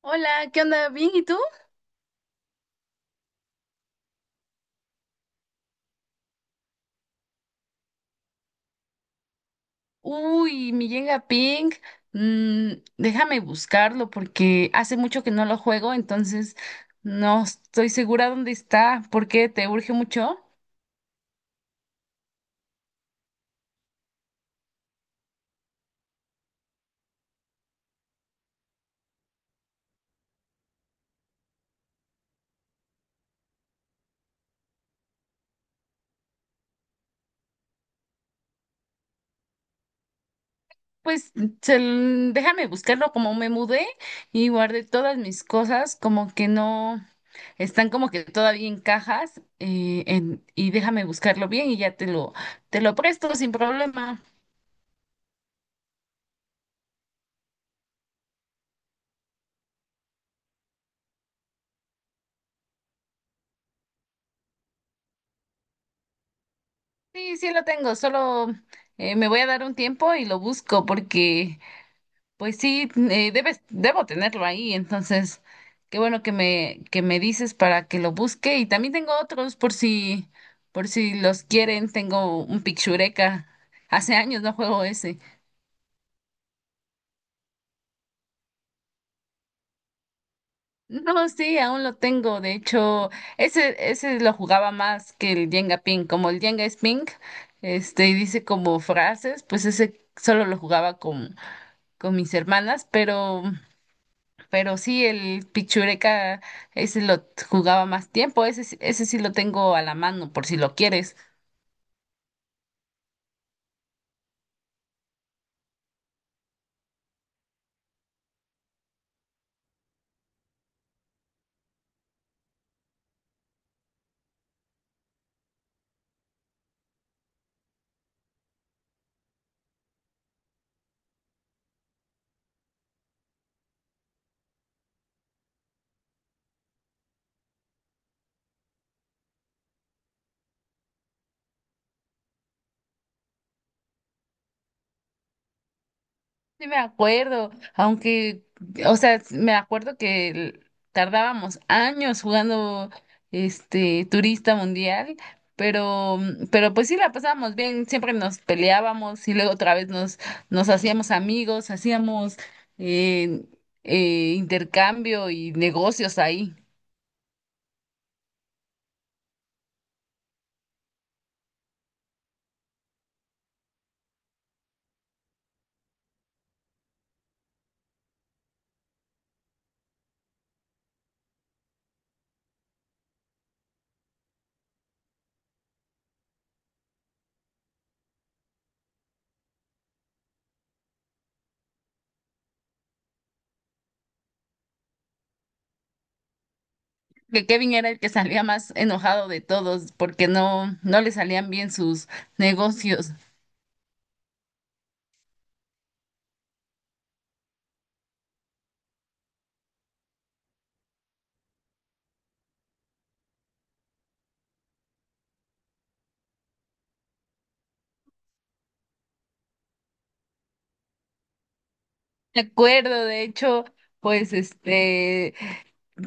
Hola, ¿qué onda? ¿Bien? ¿Y tú? Uy, mi Jenga Ping. Déjame buscarlo porque hace mucho que no lo juego, entonces no estoy segura dónde está. ¿Por qué te urge mucho? Pues déjame buscarlo, como me mudé y guardé todas mis cosas, como que no están, como que todavía en cajas, y déjame buscarlo bien y ya te lo presto sin problema. Sí, sí lo tengo, solo me voy a dar un tiempo y lo busco porque, pues sí, debo tenerlo ahí, entonces, qué bueno que que me dices para que lo busque. Y también tengo otros por si los quieren. Tengo un Picchureca, hace años no juego ese. No, sí, aún lo tengo. De hecho, ese lo jugaba más que el Jenga Ping, como el Jenga es Ping, y dice como frases. Pues ese solo lo jugaba con mis hermanas, pero sí, el pichureca, ese lo jugaba más tiempo. Ese, ese sí lo tengo a la mano por si lo quieres. Sí me acuerdo, aunque, o sea, me acuerdo que tardábamos años jugando este turista mundial. Pero, pero pues sí la pasábamos bien, siempre nos peleábamos y luego otra vez nos hacíamos amigos, hacíamos eh, intercambio y negocios ahí. Que Kevin era el que salía más enojado de todos porque no, no le salían bien sus negocios. Me acuerdo. De hecho, pues este,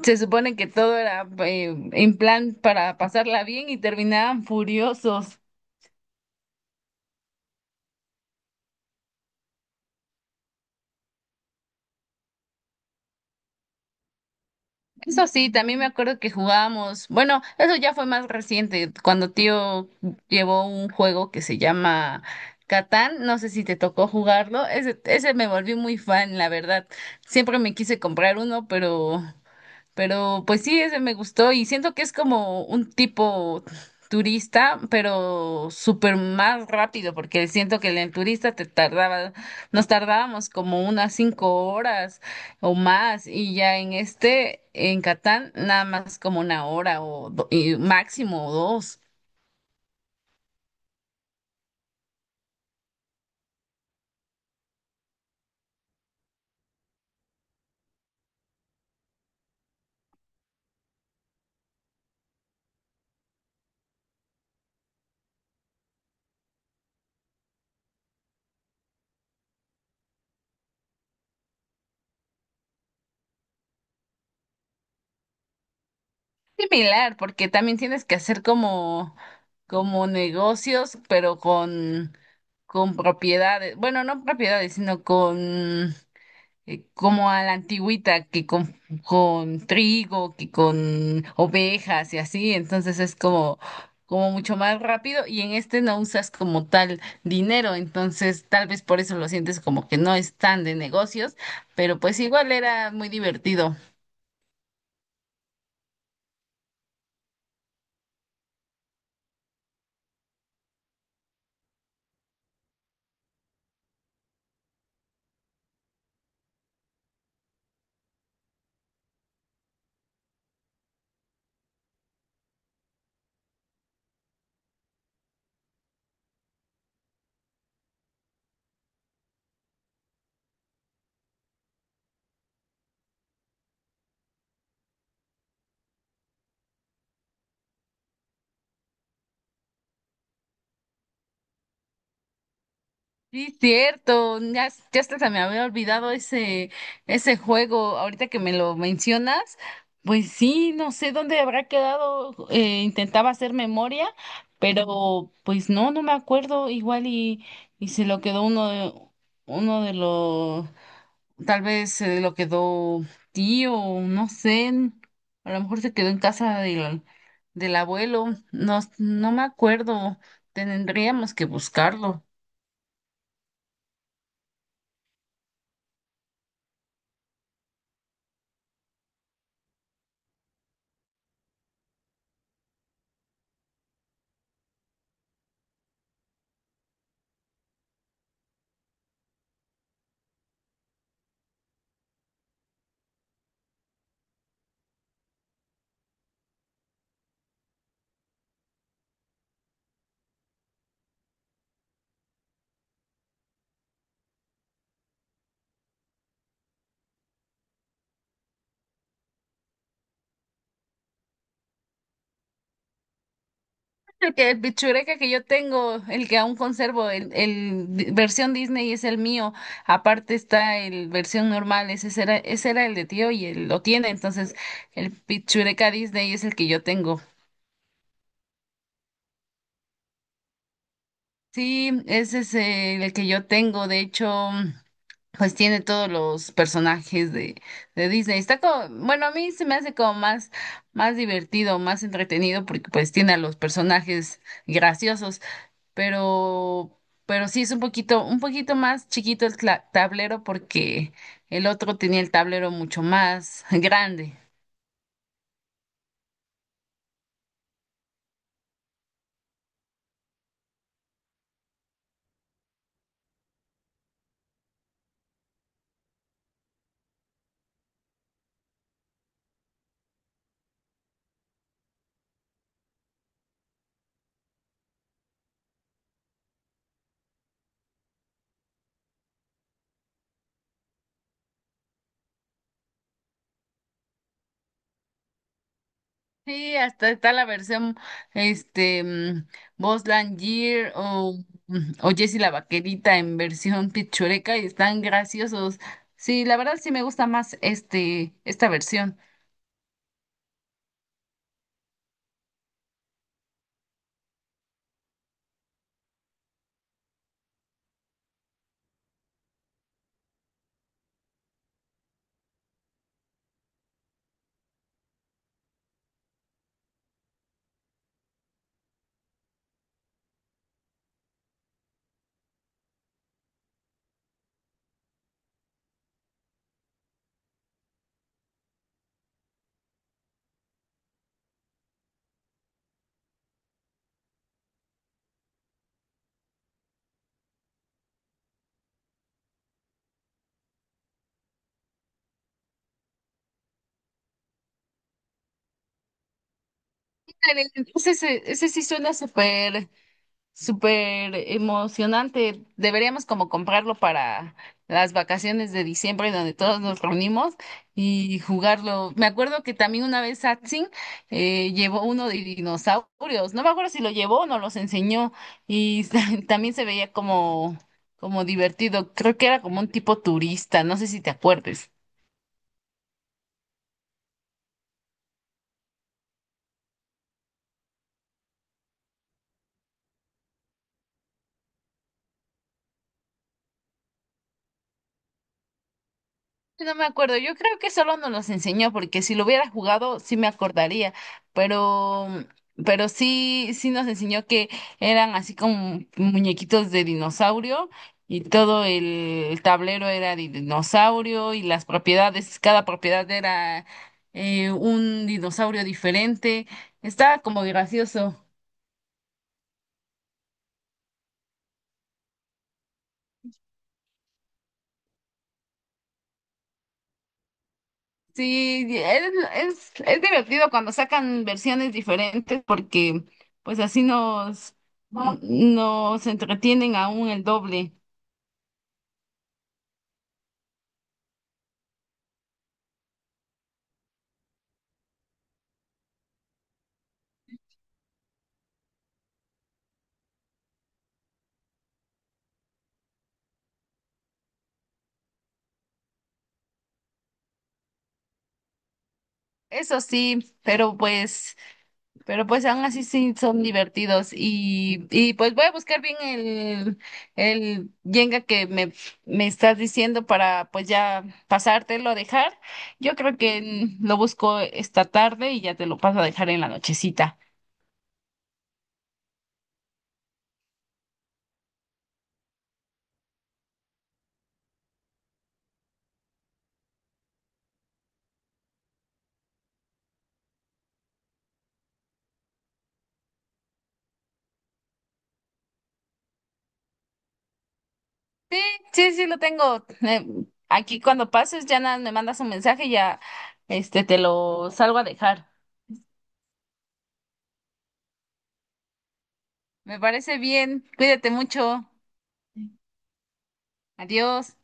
se supone que todo era en plan para pasarla bien y terminaban furiosos. Eso sí, también me acuerdo que jugábamos, bueno, eso ya fue más reciente, cuando tío llevó un juego que se llama Catán, no sé si te tocó jugarlo. Ese me volví muy fan, la verdad. Siempre me quise comprar uno, pero pues sí, ese me gustó y siento que es como un tipo turista, pero súper más rápido, porque siento que en el turista te tardaba, nos tardábamos como unas cinco horas o más, y ya en este, en Catán, nada más como una hora o y máximo o dos. Similar, porque también tienes que hacer como, como negocios, pero con propiedades, bueno, no propiedades, sino con como a la antigüita, que con trigo, que con ovejas y así, entonces es como, como mucho más rápido, y en este no usas como tal dinero, entonces tal vez por eso lo sientes como que no es tan de negocios, pero pues igual era muy divertido. Sí, cierto, ya, ya hasta se me había olvidado ese, ese juego, ahorita que me lo mencionas. Pues sí, no sé dónde habrá quedado, intentaba hacer memoria, pero pues no, no me acuerdo. Igual y se lo quedó uno de los, tal vez se lo quedó tío, no sé, a lo mejor se quedó en casa del, del abuelo, no, no me acuerdo, tendríamos que buscarlo. El que el pichureka que yo tengo, el que aún conservo, versión Disney, es el mío. Aparte está el versión normal, ese era el de tío y él lo tiene. Entonces, el pichureka Disney es el que yo tengo. Sí, ese es el que yo tengo. De hecho, pues tiene todos los personajes de Disney. Está como, bueno, a mí se me hace como más, más divertido, más entretenido, porque pues tiene a los personajes graciosos. pero, pero sí es un poquito más chiquito el tablero porque el otro tenía el tablero mucho más grande. Sí, hasta está la versión, este, mm, Buzz Lightyear o, o Jessie la Vaquerita en versión pichureca y están graciosos. Sí, la verdad sí me gusta más este, esta versión. Ándale, ese sí suena súper. Súper emocionante. Deberíamos como comprarlo para las vacaciones de diciembre donde todos nos reunimos y jugarlo. Me acuerdo que también una vez Satsin llevó uno de dinosaurios. No me acuerdo si lo llevó o nos los enseñó, y también se veía como, como divertido. Creo que era como un tipo turista. No sé si te acuerdes. Sí, no me acuerdo, yo creo que solo nos los enseñó porque si lo hubiera jugado sí me acordaría, pero pero sí sí nos enseñó que eran así como muñequitos de dinosaurio y todo el tablero era de dinosaurio y las propiedades, cada propiedad era un dinosaurio diferente. Estaba como gracioso. Sí, es divertido cuando sacan versiones diferentes porque pues así nos entretienen aún el doble. Eso sí, pero pues aún así sí son divertidos. Y pues voy a buscar bien el Jenga que me estás diciendo para pues ya pasártelo a dejar. Yo creo que lo busco esta tarde y ya te lo paso a dejar en la nochecita. Sí, sí, lo tengo. Aquí cuando pases ya nada, me mandas un mensaje y ya este te lo salgo a dejar. Me parece bien. Cuídate mucho. Adiós.